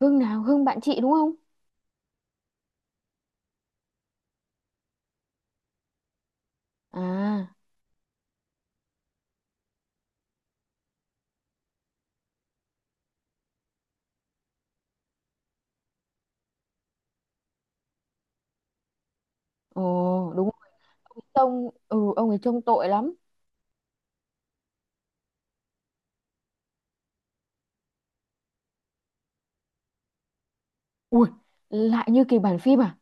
Hưng nào? Hưng bạn chị đúng không? À, ồ, đúng rồi. Ông ấy trông, ừ, ông ấy trông tội lắm. Ui, lại như kịch bản phim à?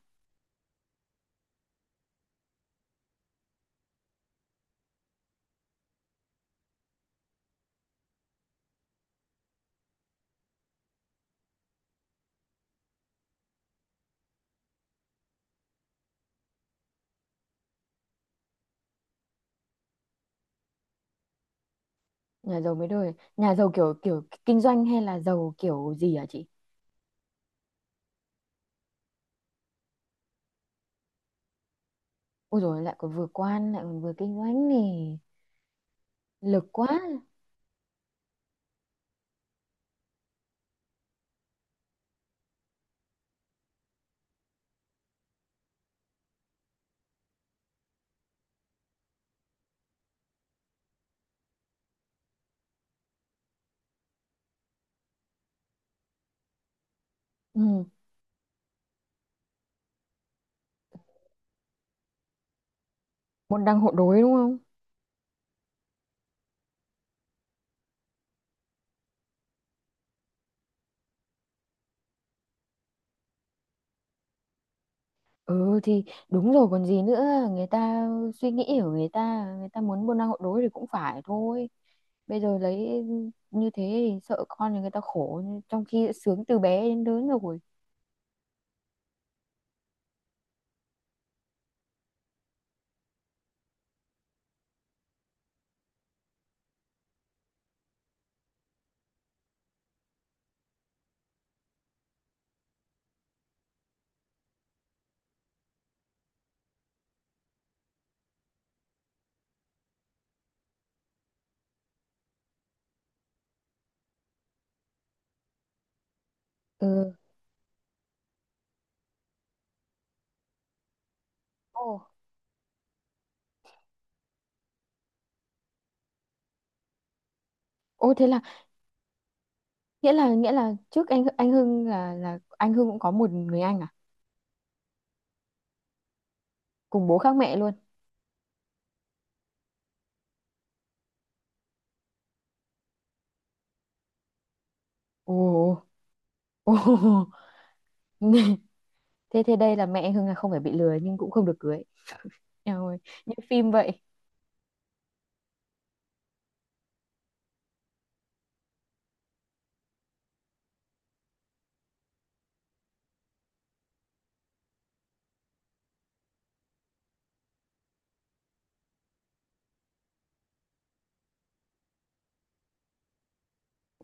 Nhà giàu mấy đời, nhà giàu kiểu kiểu kinh doanh hay là giàu kiểu gì hả chị? Ôi rồi lại còn vừa quan lại còn vừa kinh doanh này, lực quá. Ừ, môn đăng hộ đối đúng không? Ừ thì đúng rồi còn gì nữa, người ta suy nghĩ của người ta, người ta muốn buôn năng hộ đối thì cũng phải thôi. Bây giờ lấy như thế thì sợ con thì người ta khổ, trong khi đã sướng từ bé đến lớn rồi. Ừ, ồ, ô thế là, nghĩa là trước anh Hưng là anh Hưng cũng có một người anh à, cùng bố khác mẹ luôn. Ồ, ồ. Thế thế đây là mẹ anh Hưng là không phải bị lừa nhưng cũng không được cưới. Eo ơi, như phim vậy.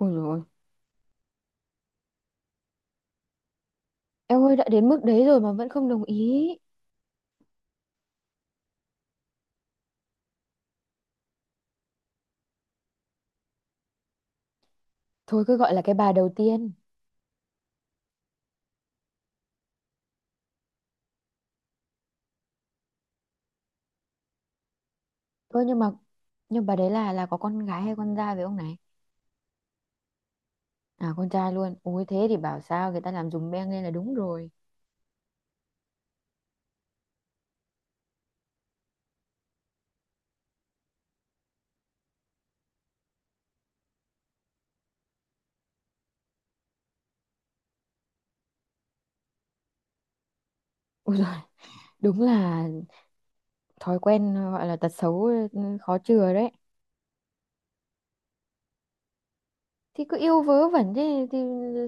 Ôi rồi, em ơi đã đến mức đấy rồi mà vẫn không đồng ý. Thôi cứ gọi là cái bà đầu tiên thôi, nhưng mà nhưng bà đấy là có con gái hay con trai với ông này? À con trai luôn, ui thế thì bảo sao người ta làm dùm beng lên là đúng rồi. Ui rồi, đúng là thói quen gọi là tật xấu, ừ, khó chừa đấy. Thì cứ yêu vớ vẩn thế thì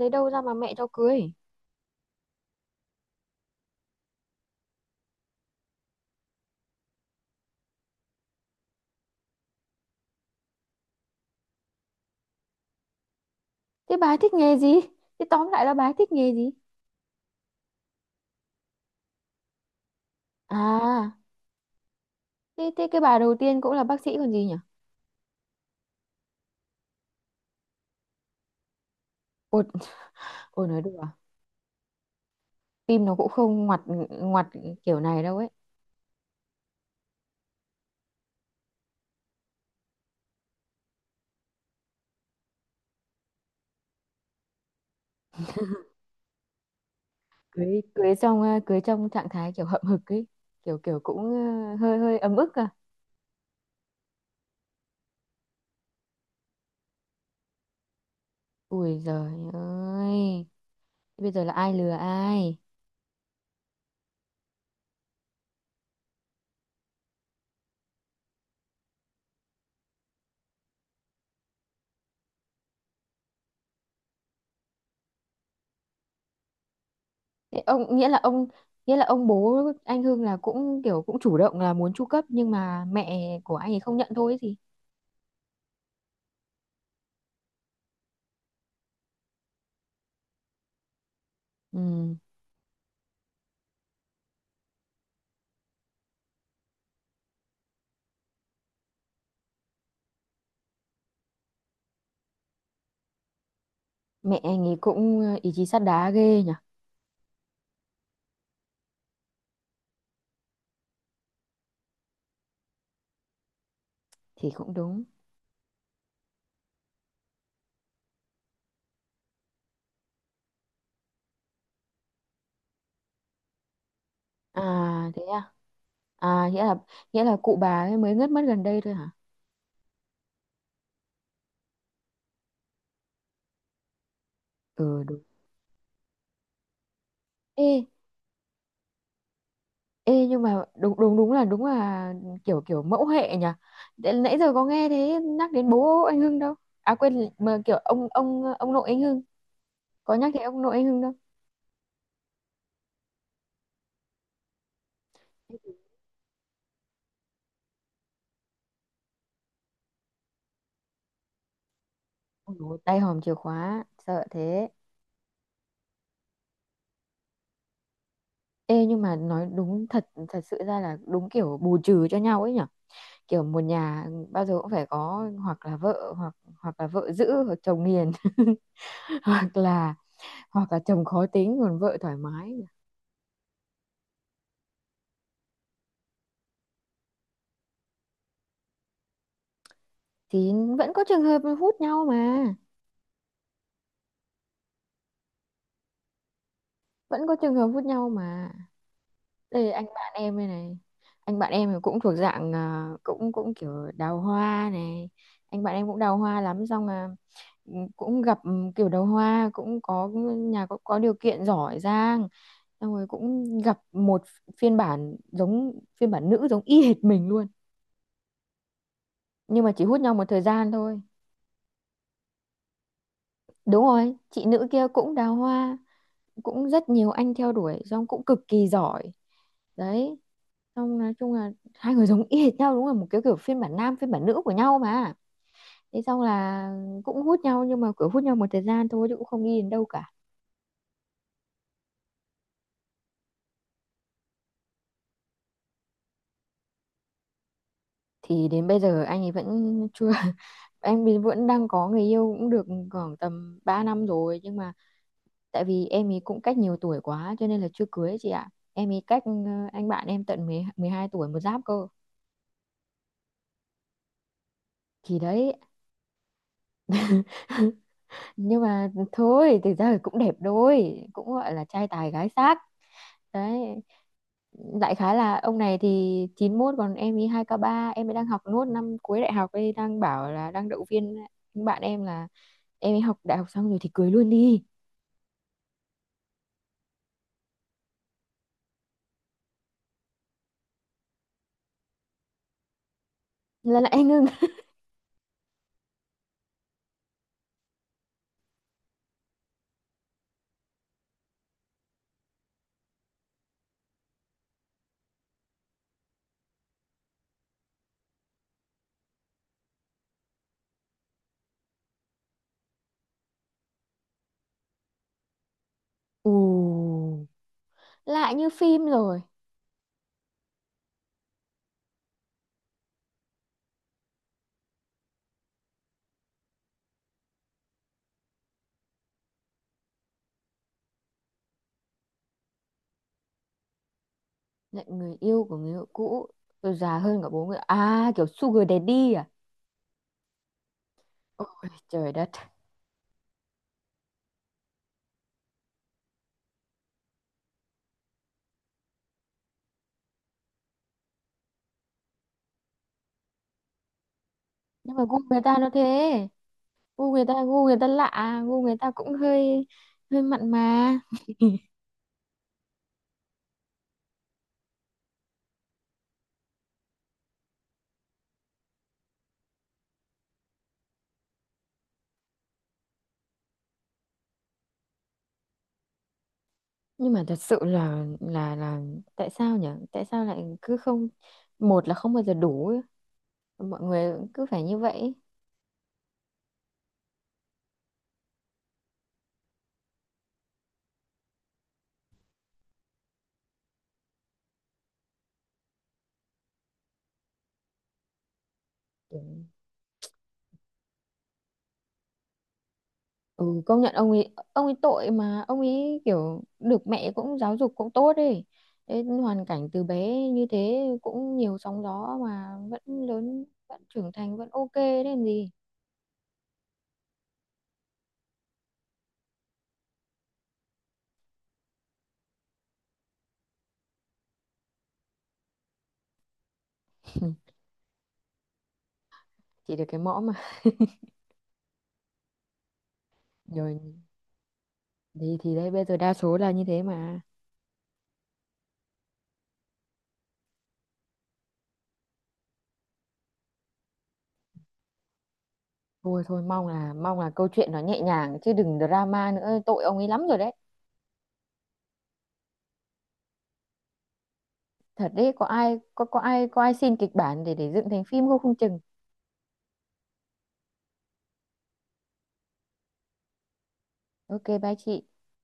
lấy đâu ra mà mẹ cho cưới. Thế bà ấy thích nghề gì, thế tóm lại là bà ấy thích nghề gì? À thế, thế cái bà đầu tiên cũng là bác sĩ còn gì nhỉ. Ôi, ôi nói đùa, phim nó cũng không ngoặt ngoặt kiểu này đâu ấy. Cưới cưới trong cưới trong trạng thái kiểu hậm hực ấy, kiểu kiểu cũng hơi hơi ấm ức à. Ui giời ơi, bây giờ là ai lừa ai. Thế ông, nghĩa là ông, nghĩa là ông bố anh Hưng là cũng kiểu cũng chủ động là muốn chu cấp nhưng mà mẹ của anh ấy không nhận thôi ấy gì. Ừ. Mẹ anh ấy cũng ờ, ý chí sắt đá ghê nhỉ. Thì cũng đúng. À thế à, à nghĩa là, nghĩa là cụ bà ấy mới ngất mất gần đây thôi hả. Ừ đúng. Ê, Ê nhưng mà đúng đúng đúng là kiểu kiểu mẫu hệ nhỉ. Để- Nãy giờ có nghe thế nhắc đến bố anh Hưng đâu. À quên mà kiểu ông nội anh Hưng, có nhắc đến ông nội anh Hưng đâu. Ôi dồi tay hòm chìa khóa sợ thế. Ê nhưng mà nói đúng, thật thật sự ra là đúng kiểu bù trừ cho nhau ấy nhỉ. Kiểu một nhà bao giờ cũng phải có hoặc là vợ hoặc hoặc là vợ dữ hoặc chồng hiền. Hoặc là, hoặc là chồng khó tính còn vợ thoải mái. Thì vẫn có trường hợp hút nhau mà. Vẫn có trường hợp hút nhau mà. Đây anh bạn em đây này, anh bạn em thì cũng thuộc dạng à, cũng cũng kiểu đào hoa này. Anh bạn em cũng đào hoa lắm, xong là ừ, cũng gặp ừ, kiểu đào hoa cũng có nhà có điều kiện giỏi giang. Xong rồi cũng gặp một phiên bản giống phiên bản nữ giống y hệt mình luôn, nhưng mà chỉ hút nhau một thời gian thôi. Đúng rồi, chị nữ kia cũng đào hoa, cũng rất nhiều anh theo đuổi, xong cũng cực kỳ giỏi. Đấy, xong nói chung là hai người giống y hệt nhau, đúng là một cái kiểu phiên bản nam phiên bản nữ của nhau mà. Thế xong là cũng hút nhau, nhưng mà kiểu hút nhau một thời gian thôi chứ cũng không đi đến đâu cả. Thì đến bây giờ anh ấy vẫn chưa. Anh ấy vẫn đang có người yêu cũng được khoảng tầm 3 năm rồi, nhưng mà tại vì em ấy cũng cách nhiều tuổi quá cho nên là chưa cưới chị ạ. Em ấy cách ờ, anh bạn em tận mười mười hai tuổi, một giáp cơ. Thì đấy, nhưng mà thôi thực ra thì cũng đẹp đôi, cũng gọi là trai tài gái sắc. Đấy, đại khái là ông này thì chín mốt còn em ý hai k ba, em ấy đang học nốt năm cuối đại học ấy, đang bảo là đang động viên những bạn em là em ấy học đại học xong rồi thì cưới luôn đi. Là lại ngưng, ù, lại như phim rồi. Lại người yêu của người yêu cũ, rồi già hơn cả bố người, à kiểu sugar daddy à. Ôi trời đất. Nhưng mà gu người ta nó thế, gu người ta, gu người ta lạ, gu người ta cũng hơi hơi mặn mà. Nhưng mà thật sự là là tại sao nhỉ, tại sao lại cứ không, một là không bao giờ đủ ấy. Mọi người cứ phải như vậy ấy. Kiểu, ừ, công nhận ông ấy, ông ấy tội mà ông ấy kiểu được mẹ cũng giáo dục cũng tốt ấy. Thế hoàn cảnh từ bé như thế cũng nhiều sóng gió mà vẫn lớn vẫn trưởng thành vẫn ok đấy làm gì. Chỉ được cái mõm mà. Rồi thì đấy bây giờ đa số là như thế mà. Thôi thôi, mong là câu chuyện nó nhẹ nhàng chứ đừng drama nữa, tội ông ấy lắm rồi đấy. Thật đấy, có ai xin kịch bản để dựng thành phim không không chừng. Ok bye chị.